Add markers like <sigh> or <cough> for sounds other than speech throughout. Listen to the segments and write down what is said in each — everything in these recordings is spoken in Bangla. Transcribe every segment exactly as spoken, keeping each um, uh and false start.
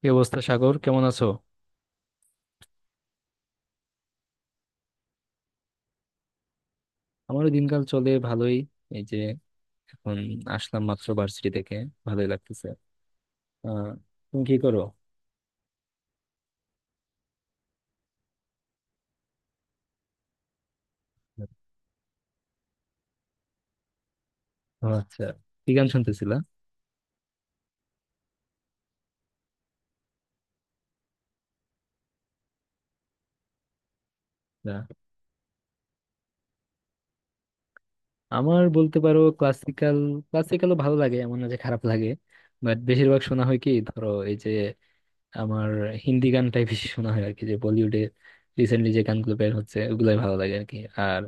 কি অবস্থা সাগর? কেমন আছো? আমারও দিনকাল চলে ভালোই। এই যে এখন আসলাম মাত্র ভার্সিটি থেকে, ভালোই লাগতেছে। আহ তুমি কি করো? ও আচ্ছা, কি গান শুনতেছিলা? না। আমার বলতে পারো ক্লাসিক্যাল, ক্লাসিক্যালও ভালো লাগে, এমন না যে খারাপ লাগে। বাট বেশিরভাগ শোনা হয় কি, ধরো এই যে আমার হিন্দি গানটাই বেশি শোনা হয় আর কি, যে বলিউডে রিসেন্টলি যে গানগুলো বের হচ্ছে ওগুলাই ভালো লাগে আর কি। আর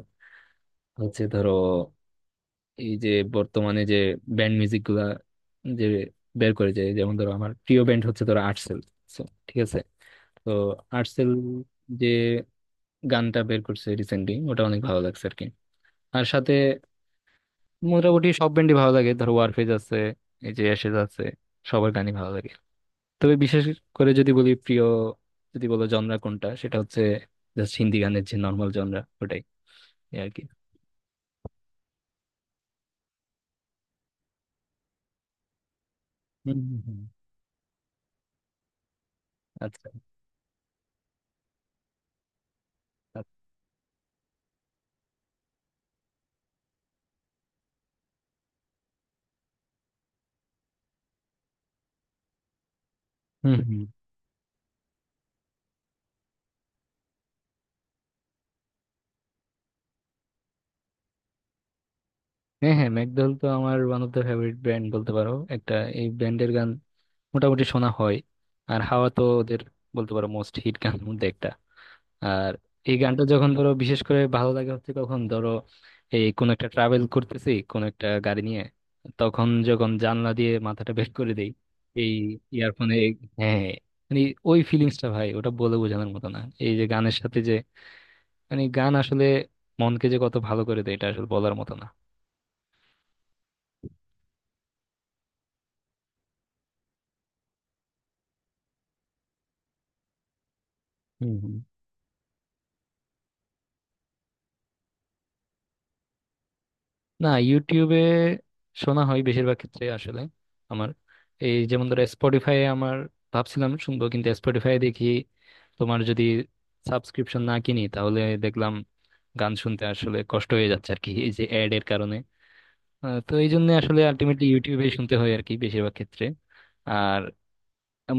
হচ্ছে ধরো এই যে বর্তমানে যে ব্যান্ড মিউজিক গুলা যে বের করে যায়, যেমন ধরো আমার প্রিয় ব্যান্ড হচ্ছে ধরো আর্টসেল। So, ঠিক আছে, তো আর্টসেল যে গানটা বের করছে রিসেন্টলি ওটা অনেক ভালো লাগছে আর কি। আর সাথে মোটামুটি সব ব্যান্ডই ভালো লাগে, ধরো ওয়ারফেজ আছে, এই যে অ্যাশেজ আছে, সবার গানই ভালো লাগে। তবে বিশেষ করে যদি বলি প্রিয়, যদি বলো জনরা কোনটা, সেটা হচ্ছে জাস্ট হিন্দি গানের যে নর্মাল জনরা ওটাই, এই আর কি। হম হম হম। আচ্ছা আচ্ছা। হুম হুম। হ্যাঁ হ্যাঁ, ম্যাকডোয়েল তো আমার one of the favourite band বলতে পারো একটা। এই ব্যান্ডের গান মোটামুটি শোনা হয়। আর হাওয়া তো ওদের বলতে পারো মোস্ট হিট গান মধ্যে একটা। আর এই গানটা যখন ধরো বিশেষ করে ভালো লাগে হচ্ছে কখন, ধরো এই কোন একটা ট্রাভেল করতেছি কোন একটা গাড়ি নিয়ে, তখন যখন জানলা দিয়ে মাথাটা বের করে দেই এই ইয়ারফোনে। হ্যাঁ, মানে ওই ফিলিংসটা ভাই ওটা বলে বোঝানোর মতো না। এই যে গানের সাথে যে, মানে গান আসলে মনকে যে কত ভালো করে দেয় এটা আসলে বলার মতো না। হম। না, ইউটিউবে শোনা হয় বেশিরভাগ ক্ষেত্রে আসলে। আমার এই যেমন ধরো স্পটিফাই, আমার ভাবছিলাম শুনবো, কিন্তু স্পটিফাই দেখি, তোমার যদি সাবস্ক্রিপশন না কিনি তাহলে দেখলাম গান শুনতে আসলে কষ্ট হয়ে যাচ্ছে আর কি, এই যে অ্যাড এর কারণে। আহ, তো এই জন্য আসলে আলটিমেটলি ইউটিউবে শুনতে হয় আর কি বেশিরভাগ ক্ষেত্রে। আর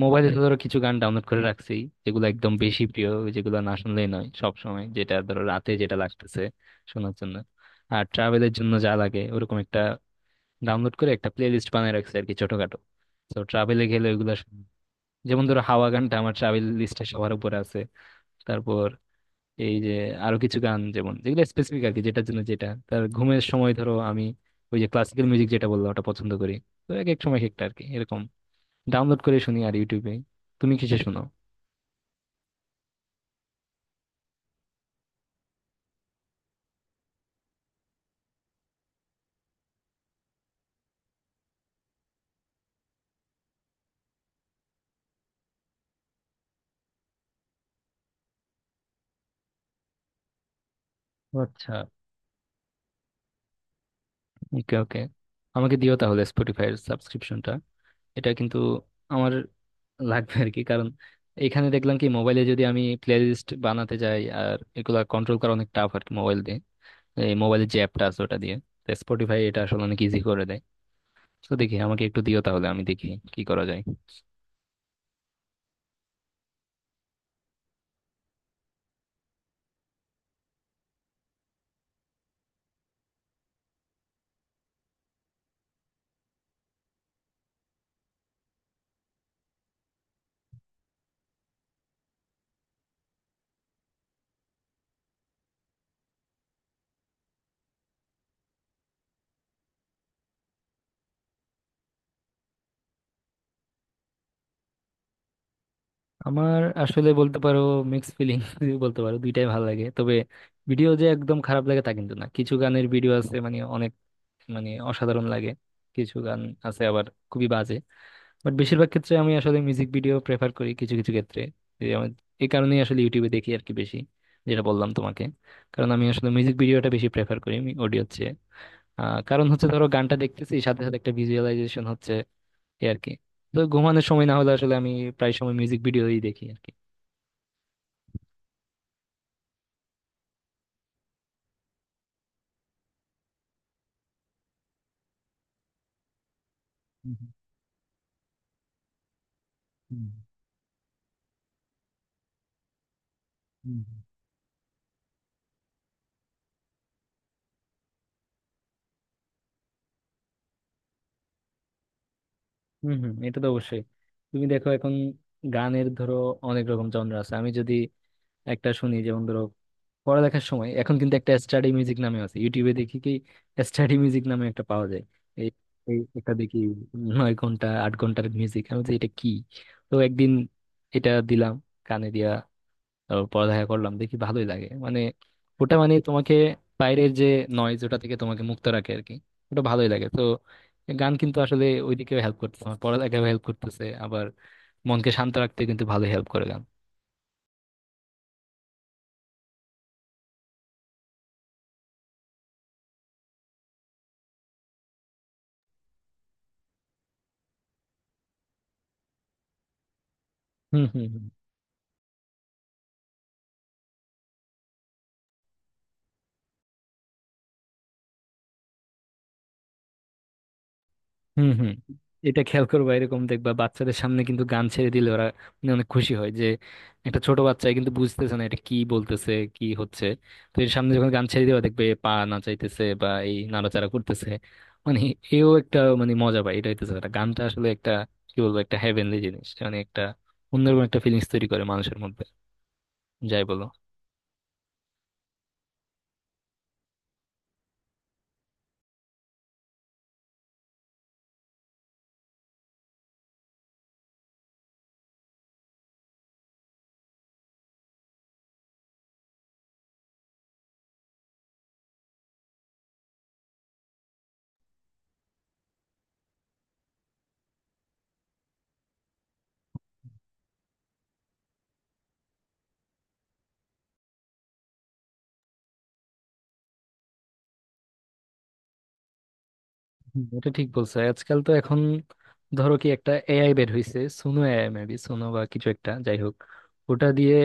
মোবাইলে তো ধরো কিছু গান ডাউনলোড করে রাখছি, যেগুলো একদম বেশি প্রিয়, যেগুলো না শুনলেই নয়, সব সময় যেটা ধরো রাতে যেটা লাগতেছে শোনার জন্য, আর ট্রাভেলের জন্য যা লাগে ওরকম একটা ডাউনলোড করে একটা প্লে লিস্ট বানিয়ে রাখছি আর কি ছোটখাটো। তো ট্রাভেলে গেলে ওইগুলা শুনি। যেমন ধরো হাওয়া গানটা আমার ট্রাভেল লিস্টে সবার উপরে আছে। তারপর এই যে আরো কিছু গান যেমন, যেগুলো স্পেসিফিক আর কি, যেটার জন্য যেটা তার ঘুমের সময় ধরো আমি ওই যে ক্লাসিক্যাল মিউজিক যেটা বললাম ওটা পছন্দ করি। তো এক এক সময় এক একটা আর কি এরকম ডাউনলোড করে শুনি আর ইউটিউবে। তুমি কিসে শোনো? ও আচ্ছা। ওকে ওকে, আমাকে দিও তাহলে স্পটিফাই এর সাবস্ক্রিপশনটা। এটা কিন্তু আমার লাগবে আর কি, কারণ এখানে দেখলাম কি মোবাইলে যদি আমি প্লে লিস্ট বানাতে যাই আর এগুলা কন্ট্রোল করা অনেক টাফ আর কি মোবাইল দিয়ে। এই মোবাইলের যে অ্যাপটা আছে ওটা দিয়ে স্পটিফাই এটা আসলে অনেক ইজি করে দেয়। তো দেখি, আমাকে একটু দিও তাহলে আমি দেখি কি করা যায়। আমার আসলে বলতে পারো মিক্স ফিলিং <laughs> বলতে পারো দুইটাই ভালো লাগে। তবে ভিডিও যে একদম খারাপ লাগে তা কিন্তু না, কিছু গানের ভিডিও আছে মানে অনেক, মানে অসাধারণ লাগে। কিছু গান আছে আবার খুবই বাজে। বাট বেশিরভাগ ক্ষেত্রে আমি আসলে মিউজিক ভিডিও প্রেফার করি কিছু কিছু ক্ষেত্রে। এই আমার- এই কারণেই আসলে ইউটিউবে দেখি আর কি বেশি, যেটা বললাম তোমাকে, কারণ আমি আসলে মিউজিক ভিডিওটা বেশি প্রেফার করি। অডিও হচ্ছে আহ, কারণ হচ্ছে ধরো গানটা দেখতেছি সাথে সাথে একটা ভিজুয়ালাইজেশন হচ্ছে, এই আর কি। তো ঘুমানোর সময় না হলে আসলে আমি প্রায় সময় মিউজিক ভিডিওই দেখি আর কি। হুম হুম হুম। হুম হুম হুম, এটা তো অবশ্যই। তুমি দেখো এখন গানের ধরো অনেক রকম জনরা আছে। আমি যদি একটা শুনি যেমন ধরো পড়ালেখার সময়, এখন কিন্তু একটা স্টাডি মিউজিক নামে আছে ইউটিউবে, দেখি কি স্টাডি মিউজিক নামে একটা পাওয়া যায়। এই এই একটা দেখি নয় ঘন্টা আট ঘন্টার মিউজিক, আমি বলছি এটা কি। তো একদিন এটা দিলাম কানে দিয়া, তারপর পড়ালেখা করলাম, দেখি ভালোই লাগে মানে। ওটা মানে তোমাকে বাইরের যে নয়েজ ওটা থেকে তোমাকে মুক্ত রাখে আর কি, ওটা ভালোই লাগে তো। গান কিন্তু আসলে ওইদিকেও হেল্প করতেছে, আমার পড়ালেখাও হেল্প করতেছে। আবার মনকে শান্ত রাখতে কিন্তু ভালো হেল্প করে গান। হম হম। হুম হুম। এটা খেয়াল করবা, এরকম দেখবা বাচ্চাদের সামনে কিন্তু গান ছেড়ে দিলে ওরা মানে অনেক খুশি হয়, যে একটা ছোট বাচ্চা কিন্তু বুঝতেছে না এটা কি বলতেছে কি হচ্ছে। তো এর সামনে যখন গান ছেড়ে দেওয়া দেখবে পা নাচাইতেছে বা এই নাড়াচাড়া করতেছে, মানে এও একটা, মানে মজা পায়। এটা হইতেছে একটা, গানটা আসলে একটা কি বলবো, একটা হেভেনলি জিনিস, মানে একটা অন্যরকম একটা ফিলিংস তৈরি করে মানুষের মধ্যে, যাই বলো। হুম, এটা ঠিক বলছো। আজকাল তো এখন ধরো কি একটা এআই বের হইছে, সুনো এআই মেবি, সুনো বা কিছু একটা যাই হোক। ওটা দিয়ে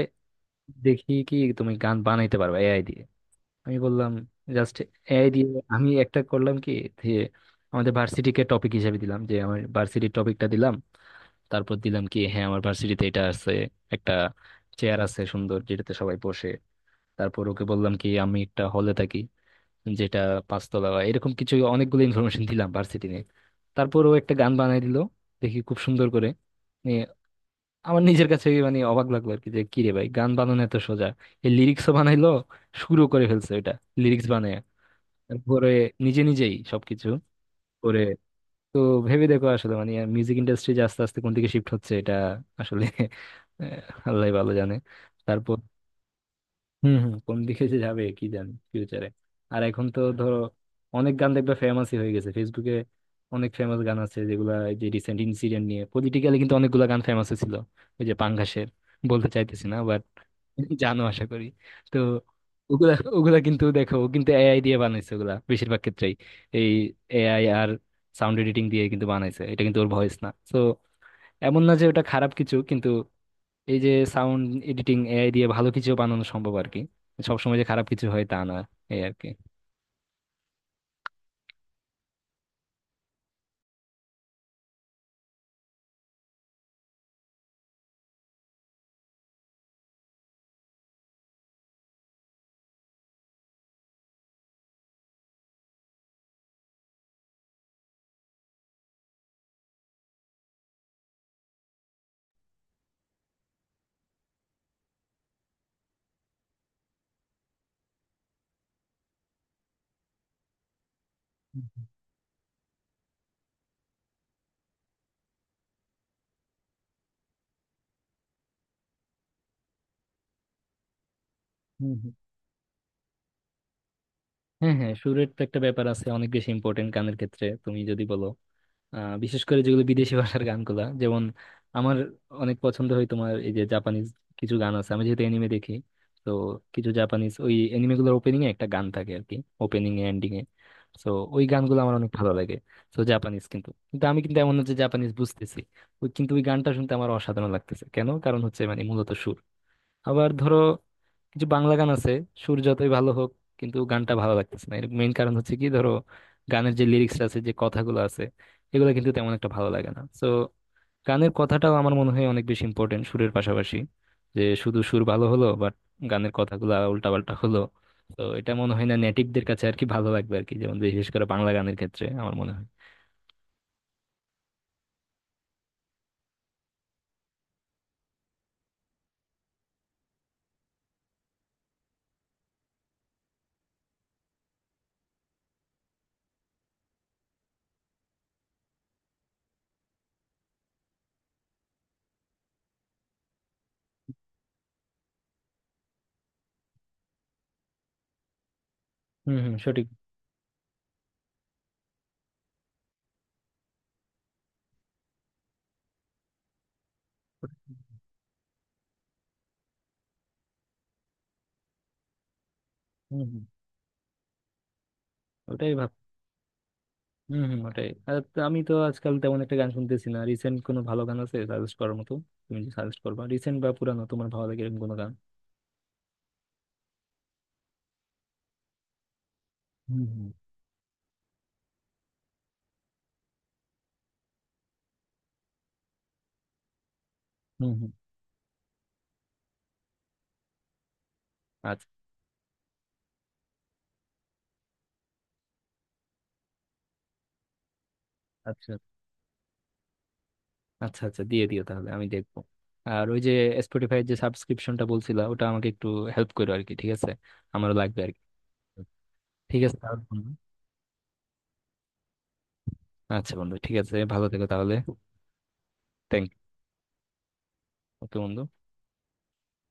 দেখি কি তুমি গান বানাইতে পারবে এআই দিয়ে। আমি বললাম জাস্ট এআই দিয়ে। আমি একটা করলাম কি, যে আমাদের ভার্সিটিকে টপিক হিসেবে দিলাম, যে আমার ভার্সিটির টপিকটা দিলাম। তারপর দিলাম কি হ্যাঁ, আমার ভার্সিটিতে এটা আছে, একটা চেয়ার আছে সুন্দর যেটাতে সবাই বসে। তারপর ওকে বললাম কি আমি একটা হলে থাকি যেটা পাঁচতলা বা এরকম কিছু, অনেকগুলো ইনফরমেশন দিলাম ভার্সিটি নিয়ে। তারপর ও একটা গান বানাই দিল, দেখি খুব সুন্দর করে। আমার নিজের কাছে মানে অবাক লাগলো আর কি, যে কি রে ভাই গান বানানো এত সোজা। এই লিরিক্সও বানাইলো, শুরু করে ফেলছে ওইটা, লিরিক্স বানায়, তারপরে নিজে নিজেই সবকিছু করে। তো ভেবে দেখো আসলে মানে মিউজিক ইন্ডাস্ট্রি যে আস্তে আস্তে কোন দিকে শিফট হচ্ছে এটা আসলে <laughs> আহ, আল্লাহই ভালো জানে। তারপর, হম হম, কোন দিকে যে যাবে কি জানি ফিউচারে। আর এখন তো ধরো অনেক গান দেখবে ফেমাসই হয়ে গেছে ফেসবুকে। অনেক ফেমাস গান আছে যেগুলা এই যে রিসেন্ট ইনসিডেন্ট নিয়ে পলিটিক্যালি, কিন্তু অনেকগুলা গান ফেমাস ছিল। ওই যে পাঙ্গাসের বলতে চাইতেছি না বাট জানো আশা করি। তো ওগুলা ওগুলা কিন্তু দেখো, ও কিন্তু এআই দিয়ে বানাইছে ওগুলা বেশিরভাগ ক্ষেত্রেই। এই এআই আর সাউন্ড এডিটিং দিয়ে কিন্তু বানাইছে, এটা কিন্তু ওর ভয়েস না তো। এমন না যে ওটা খারাপ কিছু, কিন্তু এই যে সাউন্ড এডিটিং এআই দিয়ে ভালো কিছু বানানো সম্ভব আর কি, সবসময় যে খারাপ কিছু হয় তা না, এই আর কি। হুম, হুম, হ্যাঁ হ্যাঁ, সুরের তো একটা ব্যাপার আছে অনেক বেশি ইম্পর্টেন্ট গানের ক্ষেত্রে তুমি যদি বলো। আহ, বিশেষ করে যেগুলো বিদেশি ভাষার গানগুলা, যেমন আমার অনেক পছন্দ হয় তোমার এই যে জাপানিজ কিছু গান আছে, আমি যেহেতু এনিমে দেখি। তো কিছু জাপানিজ ওই এনিমে গুলোর ওপেনিং এ একটা গান থাকে আর কি, ওপেনিং এ এন্ডিং এ। তো ওই গানগুলো আমার অনেক ভালো লাগে। তো জাপানিজ, কিন্তু কিন্তু আমি কিন্তু এমন না যে জাপানিজ বুঝতেছি। ওই কিন্তু ওই গানটা শুনতে আমার অসাধারণ লাগতেছে কেন, কারণ হচ্ছে মানে মূলত সুর। আবার ধরো কিছু বাংলা গান আছে সুর যতই ভালো হোক, কিন্তু গানটা ভালো লাগতেছে না, এর মেইন কারণ হচ্ছে কি ধরো গানের যে লিরিক্স আছে যে কথাগুলো আছে এগুলো কিন্তু তেমন একটা ভালো লাগে না তো। গানের কথাটাও আমার মনে হয় অনেক বেশি ইম্পর্টেন্ট সুরের পাশাপাশি, যে শুধু সুর ভালো হলো বাট গানের কথাগুলো উল্টাপাল্টা হলো, তো এটা মনে হয় না নেটিভদের কাছে আর কি ভালো লাগবে আর কি, যেমন বিশেষ করে বাংলা গানের ক্ষেত্রে আমার মনে হয়। হম হম, সঠিক। হম হম, ওটাই ভালো। হম হম, ওটাই। আর তো আমি তো আজকাল তেমন একটা গান শুনতেছি না, রিসেন্ট কোনো ভালো গান আছে সাজেস্ট করার মতো? তুমি যদি সাজেস্ট করবা রিসেন্ট বা পুরানো তোমার ভালো লাগে এরকম কোনো গান। হুম হুম। হুম হুম। আচ্ছা। আচ্ছা আচ্ছা, আচ্ছা দিয়ে দিও তাহলে আমি দেখবো। আর ওই যে স্পটিফাইয়ের যে সাবস্ক্রিপশনটা বলছিলা ওটা আমাকে একটু হেল্প করো আর কি, ঠিক আছে? আমারও লাগবে আর কি। ঠিক আছে তাহলে বন্ধু। আচ্ছা বন্ধু, ঠিক আছে, ভালো থেকো তাহলে। Thank you. ওকে বন্ধু।